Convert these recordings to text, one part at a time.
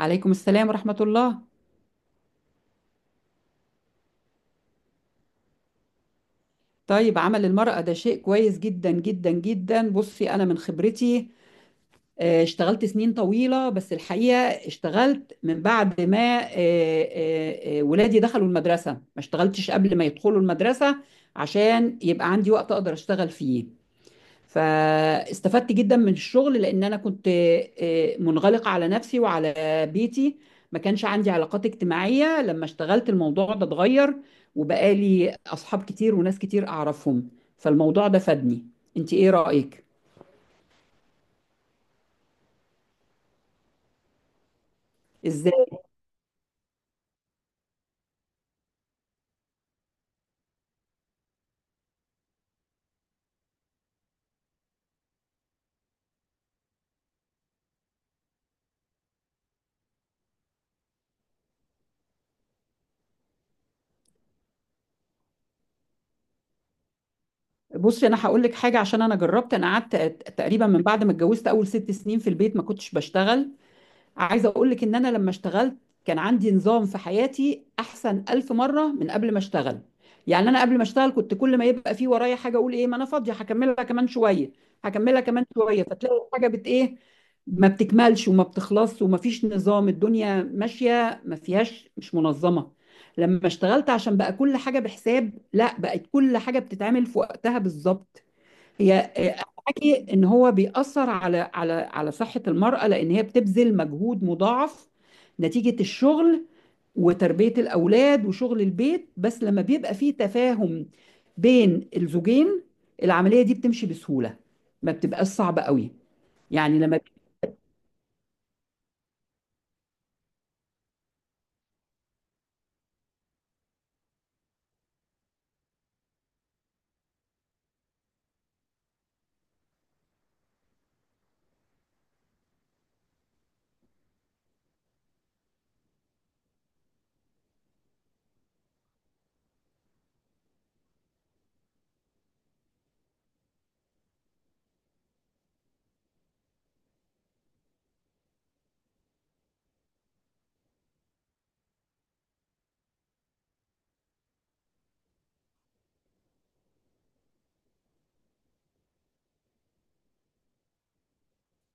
عليكم السلام ورحمة الله. طيب، عمل المرأة ده شيء كويس جدا جدا جدا. بصي، أنا من خبرتي اشتغلت سنين طويلة، بس الحقيقة اشتغلت من بعد ما ولادي دخلوا المدرسة، ما اشتغلتش قبل ما يدخلوا المدرسة، عشان يبقى عندي وقت أقدر أشتغل فيه. فاستفدت جدا من الشغل، لان انا كنت منغلقه على نفسي وعلى بيتي، ما كانش عندي علاقات اجتماعيه. لما اشتغلت الموضوع ده اتغير، وبقالي اصحاب كتير وناس كتير اعرفهم، فالموضوع ده فادني. انت ايه رايك؟ ازاي؟ بصي، انا هقول لك حاجه، عشان انا جربت. انا قعدت تقريبا من بعد ما اتجوزت اول 6 سنين في البيت ما كنتش بشتغل. عايزة اقول لك ان انا لما اشتغلت كان عندي نظام في حياتي احسن الف مرة من قبل ما اشتغل. يعني انا قبل ما اشتغل كنت كل ما يبقى في ورايا حاجة اقول ايه، ما انا فاضية، هكملها كمان شوية، فتلاقي الحاجة ايه، ما بتكملش وما بتخلصش وما فيش نظام، الدنيا ماشية ما فيهاش، مش منظمة. لما اشتغلت عشان بقى كل حاجة بحساب، لا، بقت كل حاجة بتتعمل في وقتها بالظبط. هي حكي ان هو بيأثر على صحة المرأة، لان هي بتبذل مجهود مضاعف نتيجة الشغل وتربية الاولاد وشغل البيت، بس لما بيبقى فيه تفاهم بين الزوجين العملية دي بتمشي بسهولة، ما بتبقاش صعبة قوي. يعني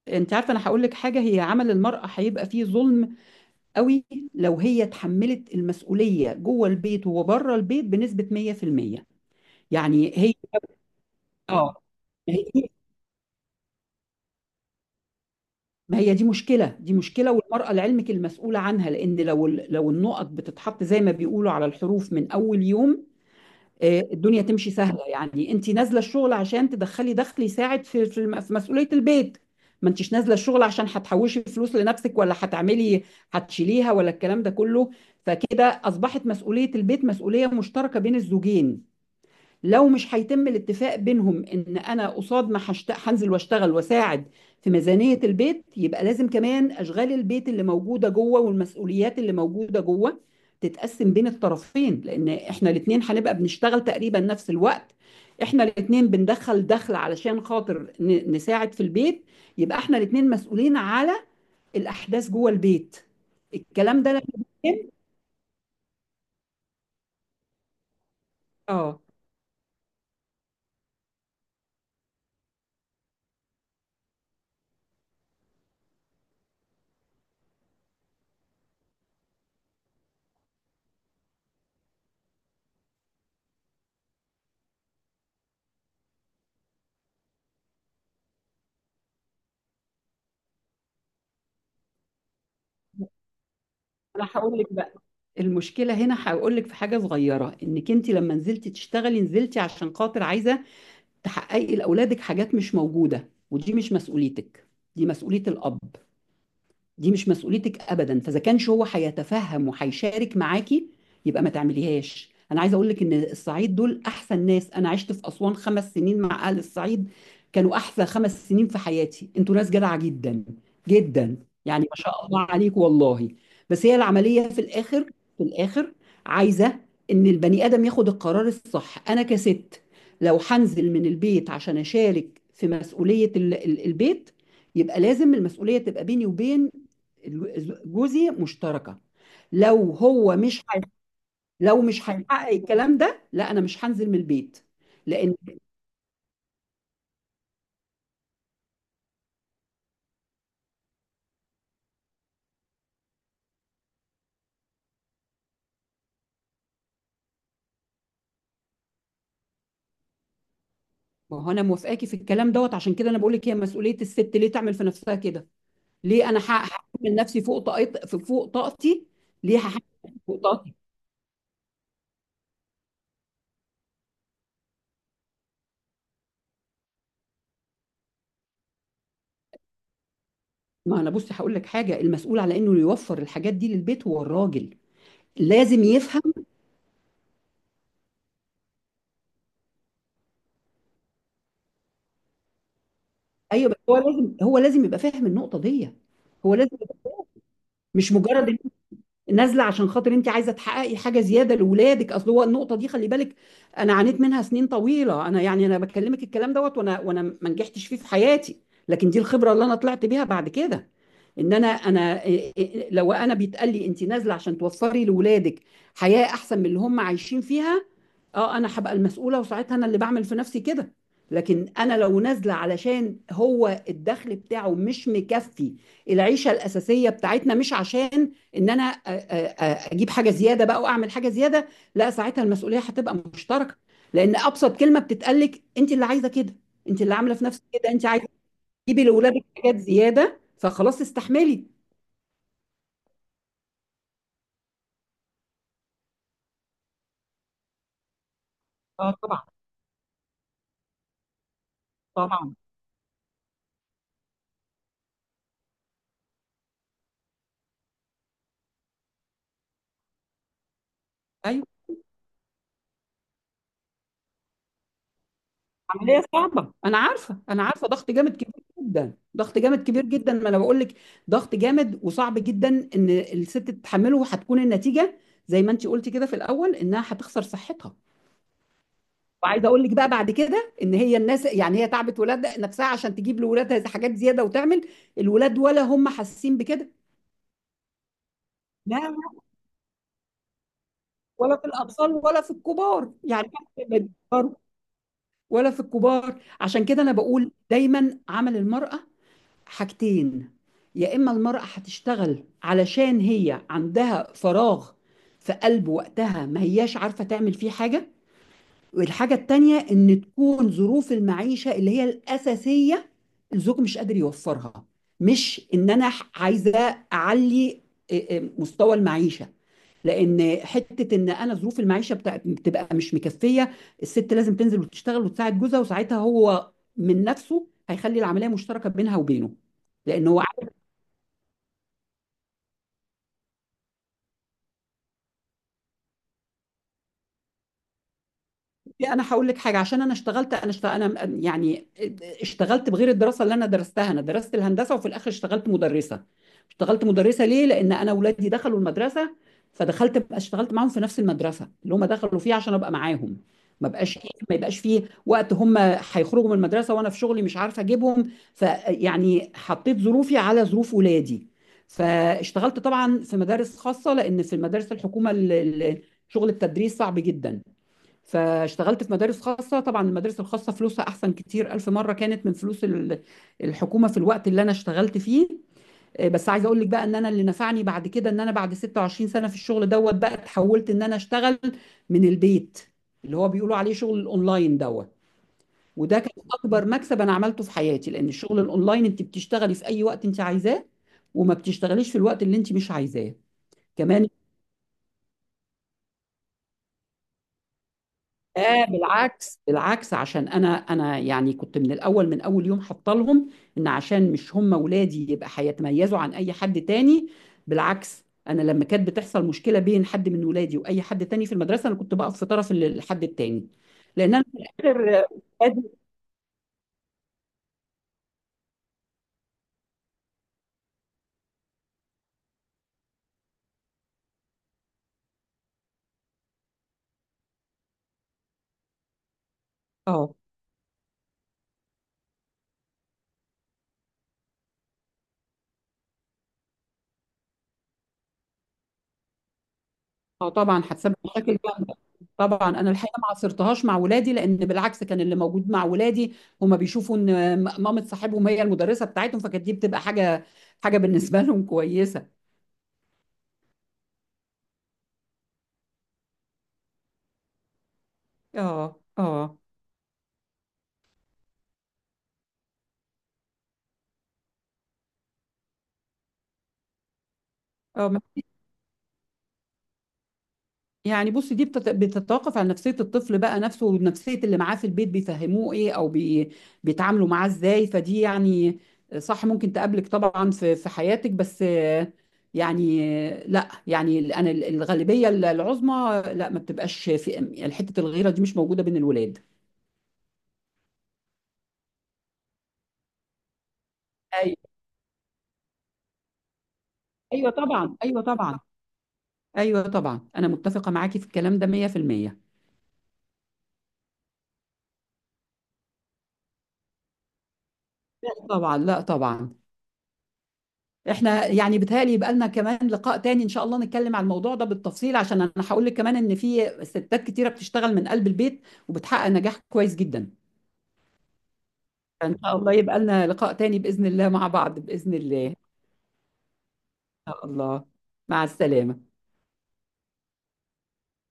انت عارفة، انا هقول لك حاجة، هي عمل المرأة هيبقى فيه ظلم قوي لو هي اتحملت المسؤولية جوه البيت وبره البيت بنسبة 100%. يعني هي، اه ما هي دي مشكلة، والمرأة لعلمك المسؤولة عنها، لأن لو النقط بتتحط زي ما بيقولوا على الحروف من أول يوم الدنيا تمشي سهلة. يعني أنت نازلة الشغل عشان تدخلي دخل يساعد في مسؤولية البيت، ما أنتش نازلة الشغل عشان هتحوشي فلوس لنفسك، ولا هتعملي هتشيليها، ولا الكلام ده كله. فكده أصبحت مسؤولية البيت مسؤولية مشتركة بين الزوجين. لو مش هيتم الاتفاق بينهم ان انا قصاد ما هنزل واشتغل واساعد في ميزانية البيت، يبقى لازم كمان اشغال البيت اللي موجودة جوه والمسؤوليات اللي موجودة جوه تتقسم بين الطرفين، لان احنا الاتنين هنبقى بنشتغل تقريبا نفس الوقت، احنا الاتنين بندخل دخل علشان خاطر نساعد في البيت، يبقى احنا الاتنين مسؤولين على الاحداث جوه البيت. الكلام ده لما بيتم. اه انا هقول لك بقى المشكله هنا، هقول لك في حاجه صغيره، انك انت لما نزلتي تشتغلي نزلتي عشان خاطر عايزه تحققي لاولادك حاجات مش موجوده، ودي مش مسؤوليتك، دي مسؤوليه الاب، دي مش مسؤوليتك ابدا. فاذا كانش هو هيتفهم وهيشارك معاكي، يبقى ما تعمليهاش. انا عايزه اقول لك ان الصعيد دول احسن ناس، انا عشت في اسوان 5 سنين مع اهل الصعيد، كانوا احسن 5 سنين في حياتي، انتوا ناس جدعه جدا جدا. يعني ما شاء الله عليك، والله. بس هي العمليه في الاخر، في الاخر عايزه ان البني ادم ياخد القرار الصح. انا كست، لو هنزل من البيت عشان اشارك في مسؤوليه البيت، يبقى لازم المسؤوليه تبقى بيني وبين جوزي مشتركه. لو هو مش حي... لو مش هيحقق الكلام ده، لا، انا مش هنزل من البيت، لان. ما هو انا موافقاكي في الكلام دوت، عشان كده انا بقول لك هي مسؤوليه الست، ليه تعمل في نفسها كده؟ ليه انا هحكم من نفسي فوق طاقتي؟ ليه هحكم فوق طاقتي؟ ما انا بصي هقول لك حاجه، المسؤول على انه يوفر الحاجات دي للبيت هو الراجل، لازم يفهم. ايوه، بس هو لازم، يبقى فاهم النقطه دي. هو لازم يبقى- مش مجرد نازله عشان خاطر انت عايزه تحققي حاجه زياده لاولادك. اصل هو النقطه دي خلي بالك، انا عانيت منها سنين طويله. انا يعني انا بكلمك الكلام دوت وانا ما نجحتش فيه في حياتي، لكن دي الخبره اللي انا طلعت بيها بعد كده. ان انا، إيه إيه إيه، لو انا بيتقال لي انت نازله عشان توفري لاولادك حياه احسن من اللي هم عايشين فيها، اه، انا هبقى المسؤوله، وساعتها انا اللي بعمل في نفسي كده. لكن انا لو نازله علشان هو الدخل بتاعه مش مكفي العيشه الاساسيه بتاعتنا، مش عشان ان انا اجيب حاجه زياده بقى واعمل حاجه زياده، لا، ساعتها المسؤوليه هتبقى مشتركه، لان ابسط كلمه بتتقالك انت اللي عايزه كده، انت اللي عامله في نفسك كده، انت عايزه تجيبي لاولادك حاجات زياده، فخلاص استحملي. اه، طبعا، طبعا، ايوه. عمليه صعبه، انا عارفه، انا عارفه، ضغط جامد كبير جدا، ضغط جامد كبير جدا، ما انا بقول لك. ضغط جامد وصعب جدا ان الست تتحمله، وهتكون النتيجه زي ما انت قلتي كده في الاول انها هتخسر صحتها. وعايزه اقول لك بقى بعد كده ان هي الناس، يعني هي تعبت ولاد نفسها عشان تجيب لولادها حاجات زياده، وتعمل. الولاد ولا هم حاسين بكده. لا، لا، ولا في الاطفال ولا في الكبار، يعني حتى لا في الكبار، عشان كده انا بقول دايما عمل المراه حاجتين: يا اما المراه هتشتغل علشان هي عندها فراغ في قلب وقتها، ما هياش عارفه تعمل فيه حاجه، والحاجة التانية إن تكون ظروف المعيشة اللي هي الأساسية الزوج مش قادر يوفرها، مش إن أنا عايزة أعلي مستوى المعيشة. لأن حتة إن أنا ظروف المعيشة بتبقى مش مكفية، الست لازم تنزل وتشتغل وتساعد جوزها، وساعتها هو من نفسه هيخلي العملية مشتركة بينها وبينه. لأن هو انا هقول لك حاجه، عشان انا اشتغلت، انا يعني اشتغلت بغير الدراسه اللي انا درستها، انا درست الهندسه، وفي الاخر اشتغلت مدرسه. اشتغلت مدرسه ليه؟ لان انا اولادي دخلوا المدرسه، فدخلت اشتغلت معاهم في نفس المدرسه اللي هم دخلوا فيها عشان ابقى معاهم. ما بقاش ما يبقاش فيه وقت، هم هيخرجوا من المدرسه وانا في شغلي مش عارفه اجيبهم، فيعني حطيت ظروفي على ظروف ولادي. فاشتغلت طبعا في مدارس خاصه، لان في المدارس الحكومه شغل التدريس صعب جدا، فاشتغلت في مدارس خاصة. طبعا المدارس الخاصة فلوسها أحسن كتير ألف مرة كانت من فلوس الحكومة في الوقت اللي أنا اشتغلت فيه. بس عايزة أقول لك بقى إن أنا اللي نفعني بعد كده إن أنا بعد 26 سنة في الشغل دوت بقى اتحولت إن أنا أشتغل من البيت، اللي هو بيقولوا عليه شغل الأونلاين دوت. وده كان أكبر مكسب أنا عملته في حياتي، لأن الشغل الأونلاين أنت بتشتغلي في أي وقت أنت عايزاه، وما بتشتغليش في الوقت اللي أنت مش عايزاه، كمان. اه، بالعكس، بالعكس، عشان انا، يعني كنت من الاول، من اول يوم حاطه لهم ان عشان مش هم ولادي يبقى هيتميزوا عن اي حد تاني. بالعكس، انا لما كانت بتحصل مشكله بين حد من ولادي واي حد تاني في المدرسه انا كنت بقف في طرف الحد التاني، لان انا في الاخر، ولادي- اه، اه، طبعا هتسبب مشاكل جامده. طبعا، انا الحقيقه ما عصرتهاش مع ولادي، لان بالعكس، كان اللي موجود مع ولادي هما بيشوفوا ان مامة صاحبهم هي المدرسه بتاعتهم، فكانت دي بتبقى حاجه، بالنسبه لهم كويسه. اه، اه، اه، يعني بصي، دي بتتوقف على نفسية الطفل بقى نفسه ونفسية اللي معاه في البيت، بيفهموه ايه، او بيتعاملوا معاه ازاي، فدي يعني صح، ممكن تقابلك طبعا في حياتك، بس يعني لا، يعني انا الغالبية العظمى لا ما بتبقاش في حتة الغيرة دي، مش موجودة بين الولاد. ايوه، ايوه طبعا، ايوه طبعا، ايوه طبعا، انا متفقة معاكي في الكلام ده 100%. لا طبعا، لا طبعا. احنا يعني بيتهيألي يبقى لنا كمان لقاء تاني ان شاء الله، نتكلم على الموضوع ده بالتفصيل، عشان انا هقول لك كمان ان في ستات كتيرة بتشتغل من قلب البيت وبتحقق نجاح كويس جدا. فان شاء الله يبقى لنا لقاء تاني بإذن الله مع بعض، بإذن الله ان شاء الله. مع السلامة.